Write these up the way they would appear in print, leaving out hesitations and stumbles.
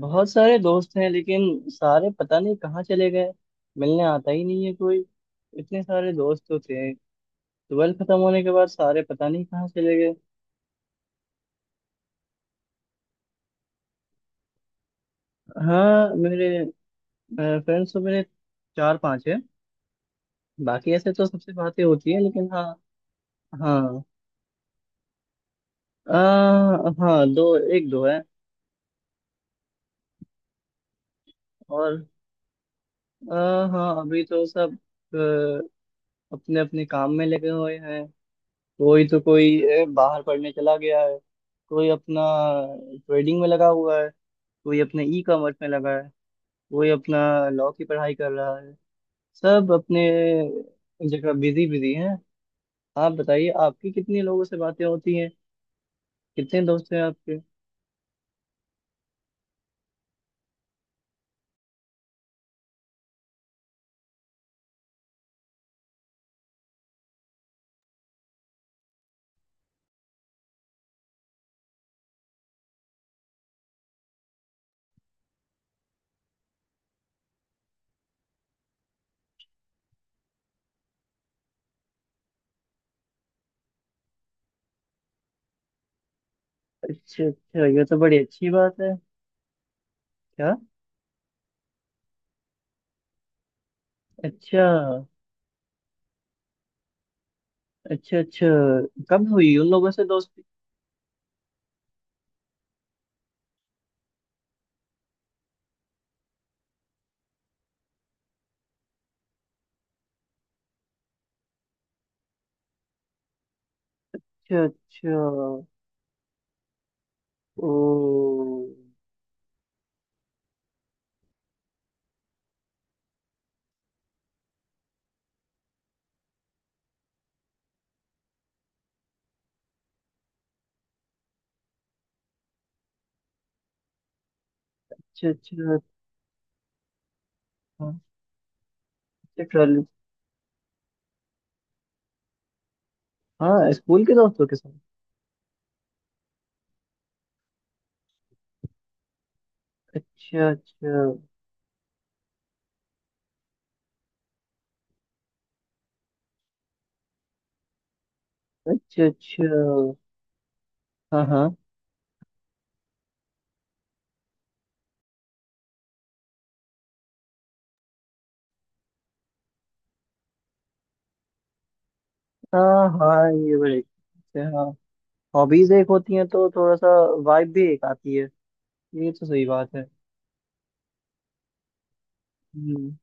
बहुत सारे दोस्त हैं लेकिन सारे पता नहीं कहाँ चले गए। मिलने आता ही नहीं है कोई। इतने सारे दोस्त तो थे। ट्वेल्थ खत्म होने के बाद सारे पता नहीं कहाँ चले गए। हाँ, मेरे फ्रेंड्स तो मेरे चार पांच हैं। बाकी ऐसे तो सबसे बातें होती है, लेकिन हाँ। हाँ, हाँ दो एक दो है। और हाँ, अभी तो सब अपने अपने काम में लगे हुए हैं। कोई तो कोई बाहर पढ़ने चला गया है। कोई अपना ट्रेडिंग में लगा हुआ है। कोई अपने ई कॉमर्स में लगा है। कोई अपना लॉ की पढ़ाई कर रहा है। सब अपने जगह बिजी बिजी हैं। आप बताइए, आपकी कितने लोगों से बातें होती हैं? कितने दोस्त हैं आपके? अच्छा अच्छा, ये तो बड़ी अच्छी बात है। क्या? अच्छा। अच्छा अच्छा। कब हुई उन लोगों से दोस्ती? अच्छा अच्छा। ओ। अच्छा अच्छा। अच्छा, हाँ स्कूल के दोस्तों के साथ। अच्छा अच्छा। अच्छा अच्छा। हाँ हाँ। हाँ हाँ, ये बड़े से। हाँ, हॉबीज एक होती हैं तो थोड़ा सा वाइब भी एक आती है। ये तो सही बात है। हम्म।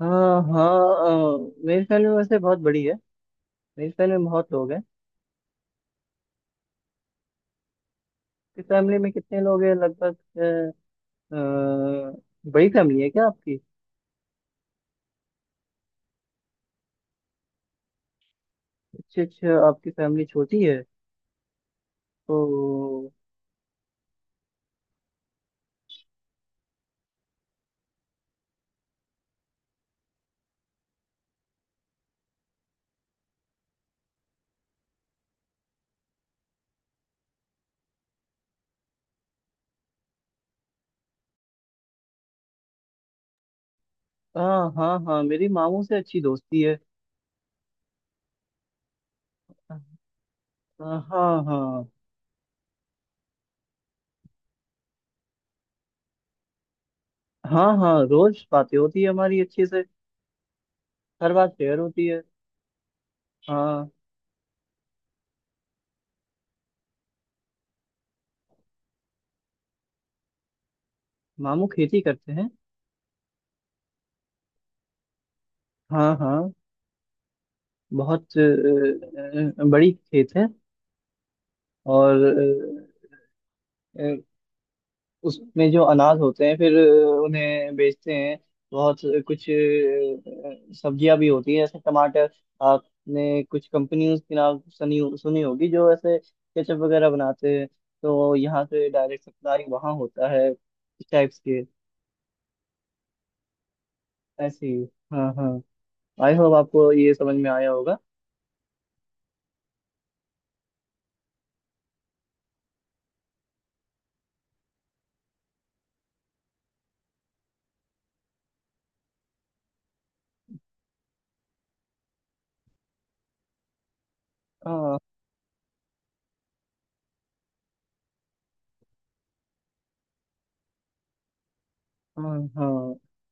हाँ हाँ। मेरी फैमिली वैसे बहुत बड़ी है। मेरी फैमिली में बहुत लोग हैं। आपकी फैमिली में कितने लोग हैं लगभग? अ, बड़ी फैमिली है क्या आपकी? अच्छा अच्छा, आपकी फैमिली छोटी है। तो। हाँ हाँ हाँ, मेरी मामू से अच्छी दोस्ती है। हाँ। हाँ। हाँ हाँ, रोज बातें होती है हमारी अच्छे से। हर बात शेयर होती है। हाँ। मामू खेती करते हैं। हाँ हाँ, बहुत बड़ी खेत है। और अ, अ, उसमें जो अनाज होते हैं फिर उन्हें बेचते हैं। बहुत कुछ सब्जियां भी होती है, जैसे टमाटर। आपने कुछ कंपनियों के नाम सुनी सुनी होगी, जो ऐसे केचप वगैरह बनाते हैं। तो यहाँ से डायरेक्ट सप्लाई वहाँ होता है, इस टाइप्स के। ऐसे ही। हाँ हाँ। आई होप आपको ये समझ में आया होगा। हाँ हाँ हाँ।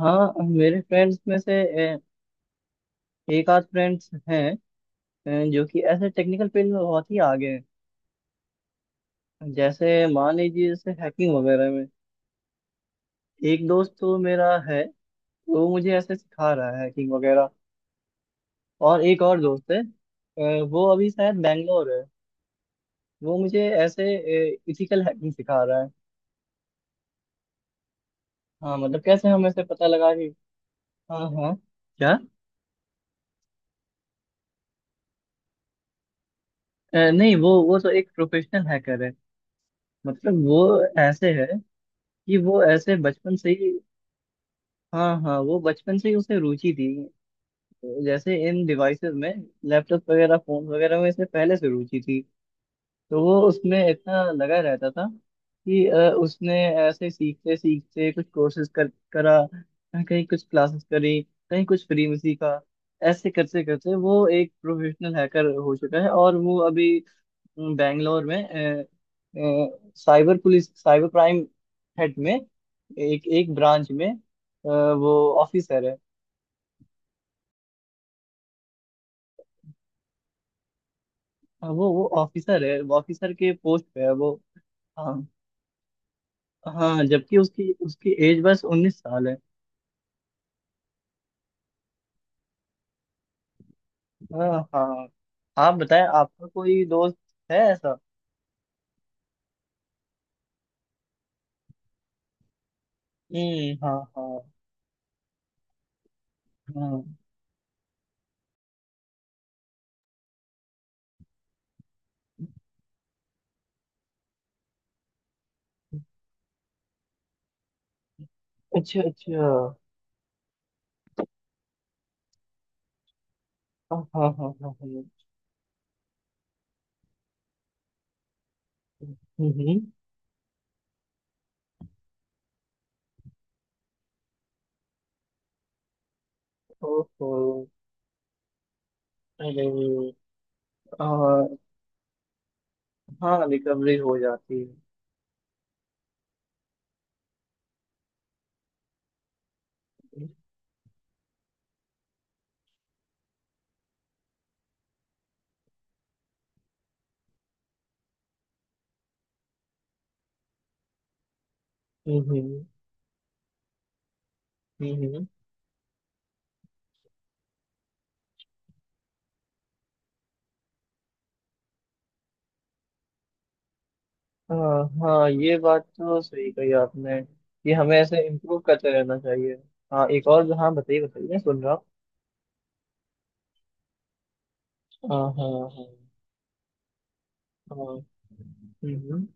हाँ, मेरे फ्रेंड्स में से एक आध फ्रेंड्स हैं, जो कि ऐसे टेक्निकल फील्ड में बहुत ही आगे हैं, जैसे मान लीजिए जैसे हैकिंग वगैरह में। एक दोस्त तो मेरा है, वो मुझे ऐसे सिखा रहा है हैकिंग वगैरह। और एक और दोस्त है, वो अभी शायद बैंगलोर है। वो मुझे ऐसे इथिकल हैकिंग सिखा रहा है। हाँ मतलब कैसे हमें से पता लगा कि। हाँ हाँ। क्या? नहीं, वो तो एक प्रोफेशनल हैकर है। मतलब वो ऐसे है कि वो ऐसे बचपन से ही। हाँ हाँ, वो बचपन से ही उसे रुचि थी, जैसे इन डिवाइसेस में। लैपटॉप वगैरह फोन वगैरह में इसे पहले से रुचि थी। तो वो उसमें इतना लगा रहता था कि उसने ऐसे सीखते सीखते कुछ कोर्सेज कर करा, कहीं कुछ क्लासेस करी, कहीं कुछ फ्री में सीखा। ऐसे करते करते वो एक प्रोफेशनल हैकर हो चुका है, और वो अभी बैंगलोर में cyber police cyber crime head में एक एक ब्रांच में वो ऑफिसर है। हाँ, वो ऑफिसर है, वो ऑफिसर के पोस्ट पे है वो। हाँ हाँ। जबकि उसकी उसकी एज बस 19 साल है। हाँ हाँ। आप बताएं, आपका कोई दोस्त है ऐसा? हम्म। हाँ हाँ हाँ। अच्छा अच्छा। हाँ हाँ हाँ हाँ हाँ। हम्म हम्म। ओहो। अरे। आ, हाँ रिकवरी हो जाती है। हम्म हम्म। हम्म। हाँ हाँ, ये बात तो सही कही आपने, कि हमें ऐसे इम्प्रूव करते रहना चाहिए। हाँ एक और, हाँ बताइए बताइए, मैं सुन रहा हूँ। हाँ हाँ हाँ। हाँ हम्म।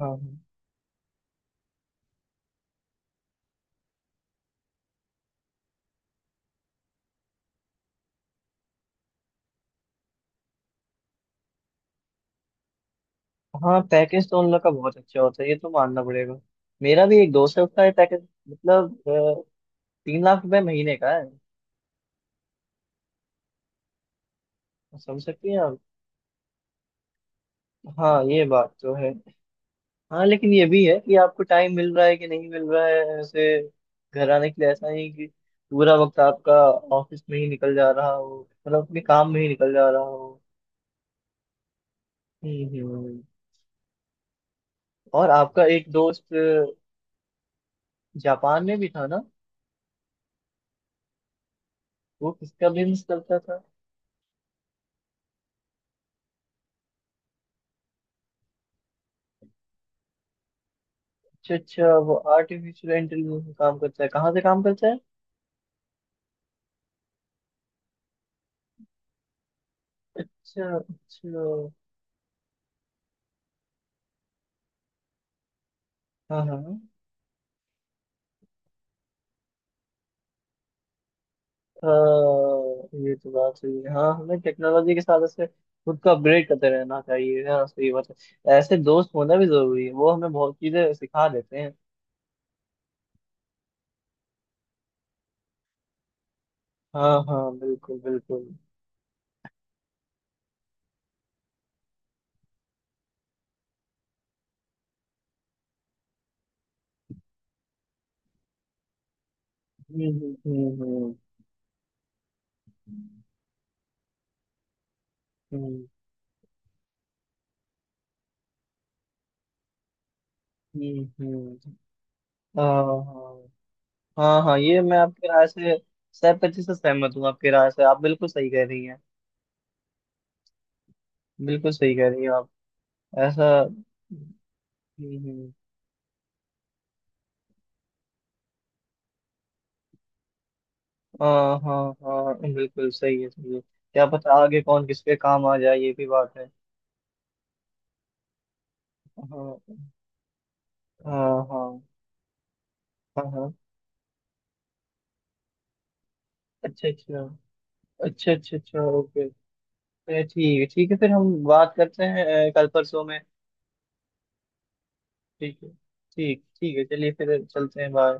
हाँ हाँ। हाँ, पैकेज तो उन लोग का बहुत अच्छा होता है, ये तो मानना पड़ेगा। मेरा भी एक दोस्त है, उसका ये पैकेज मतलब 3 लाख रुपए महीने का है। समझ सकती हैं आप। हाँ, ये बात तो है। हाँ, लेकिन ये भी है कि आपको टाइम मिल रहा है कि नहीं मिल रहा है, ऐसे घर आने के लिए। ऐसा नहीं कि पूरा वक्त आपका ऑफिस में ही निकल जा रहा हो, मतलब अपने काम में ही निकल जा रहा हो। हम्म हम्म। और आपका एक दोस्त जापान में भी था ना? वो किसका बिजनेस करता था? अच्छा अच्छा, वो आर्टिफिशियल इंटेलिजेंस में काम करता है? कहाँ से काम करता है? अच्छा अच्छा। हाँ हाँ हाँ, ये तो बात सही है। हाँ, हमें टेक्नोलॉजी के साथ ऐसे खुद को अपग्रेड करते रहना चाहिए। हाँ, सही बात है, ऐसे दोस्त होना भी जरूरी है, वो हमें बहुत चीजें सिखा देते हैं। हाँ हाँ बिल्कुल बिल्कुल। हम्म हम्म। हम्म हम्म। हाँ हाँ। हाँ हाँ, ये मैं आपकी राय से 100% सहमत हूँ। आपकी राय से आप बिल्कुल सही कह रही हैं। बिल्कुल सही कह रही हैं आप। ऐसा। हम्म। हाँ हाँ हाँ, बिल्कुल सही है, सही है, क्या पता आगे कौन किस पे काम आ जाए, ये भी बात है। हाँ हाँ हाँ हाँ हाँ। अच्छा अच्छा। अच्छा अच्छा अच्छा। ओके। अरे ठीक है ठीक है, फिर हम बात करते हैं कल परसों में। ठीक है, ठीक ठीक है, चलिए फिर चलते हैं, बाय।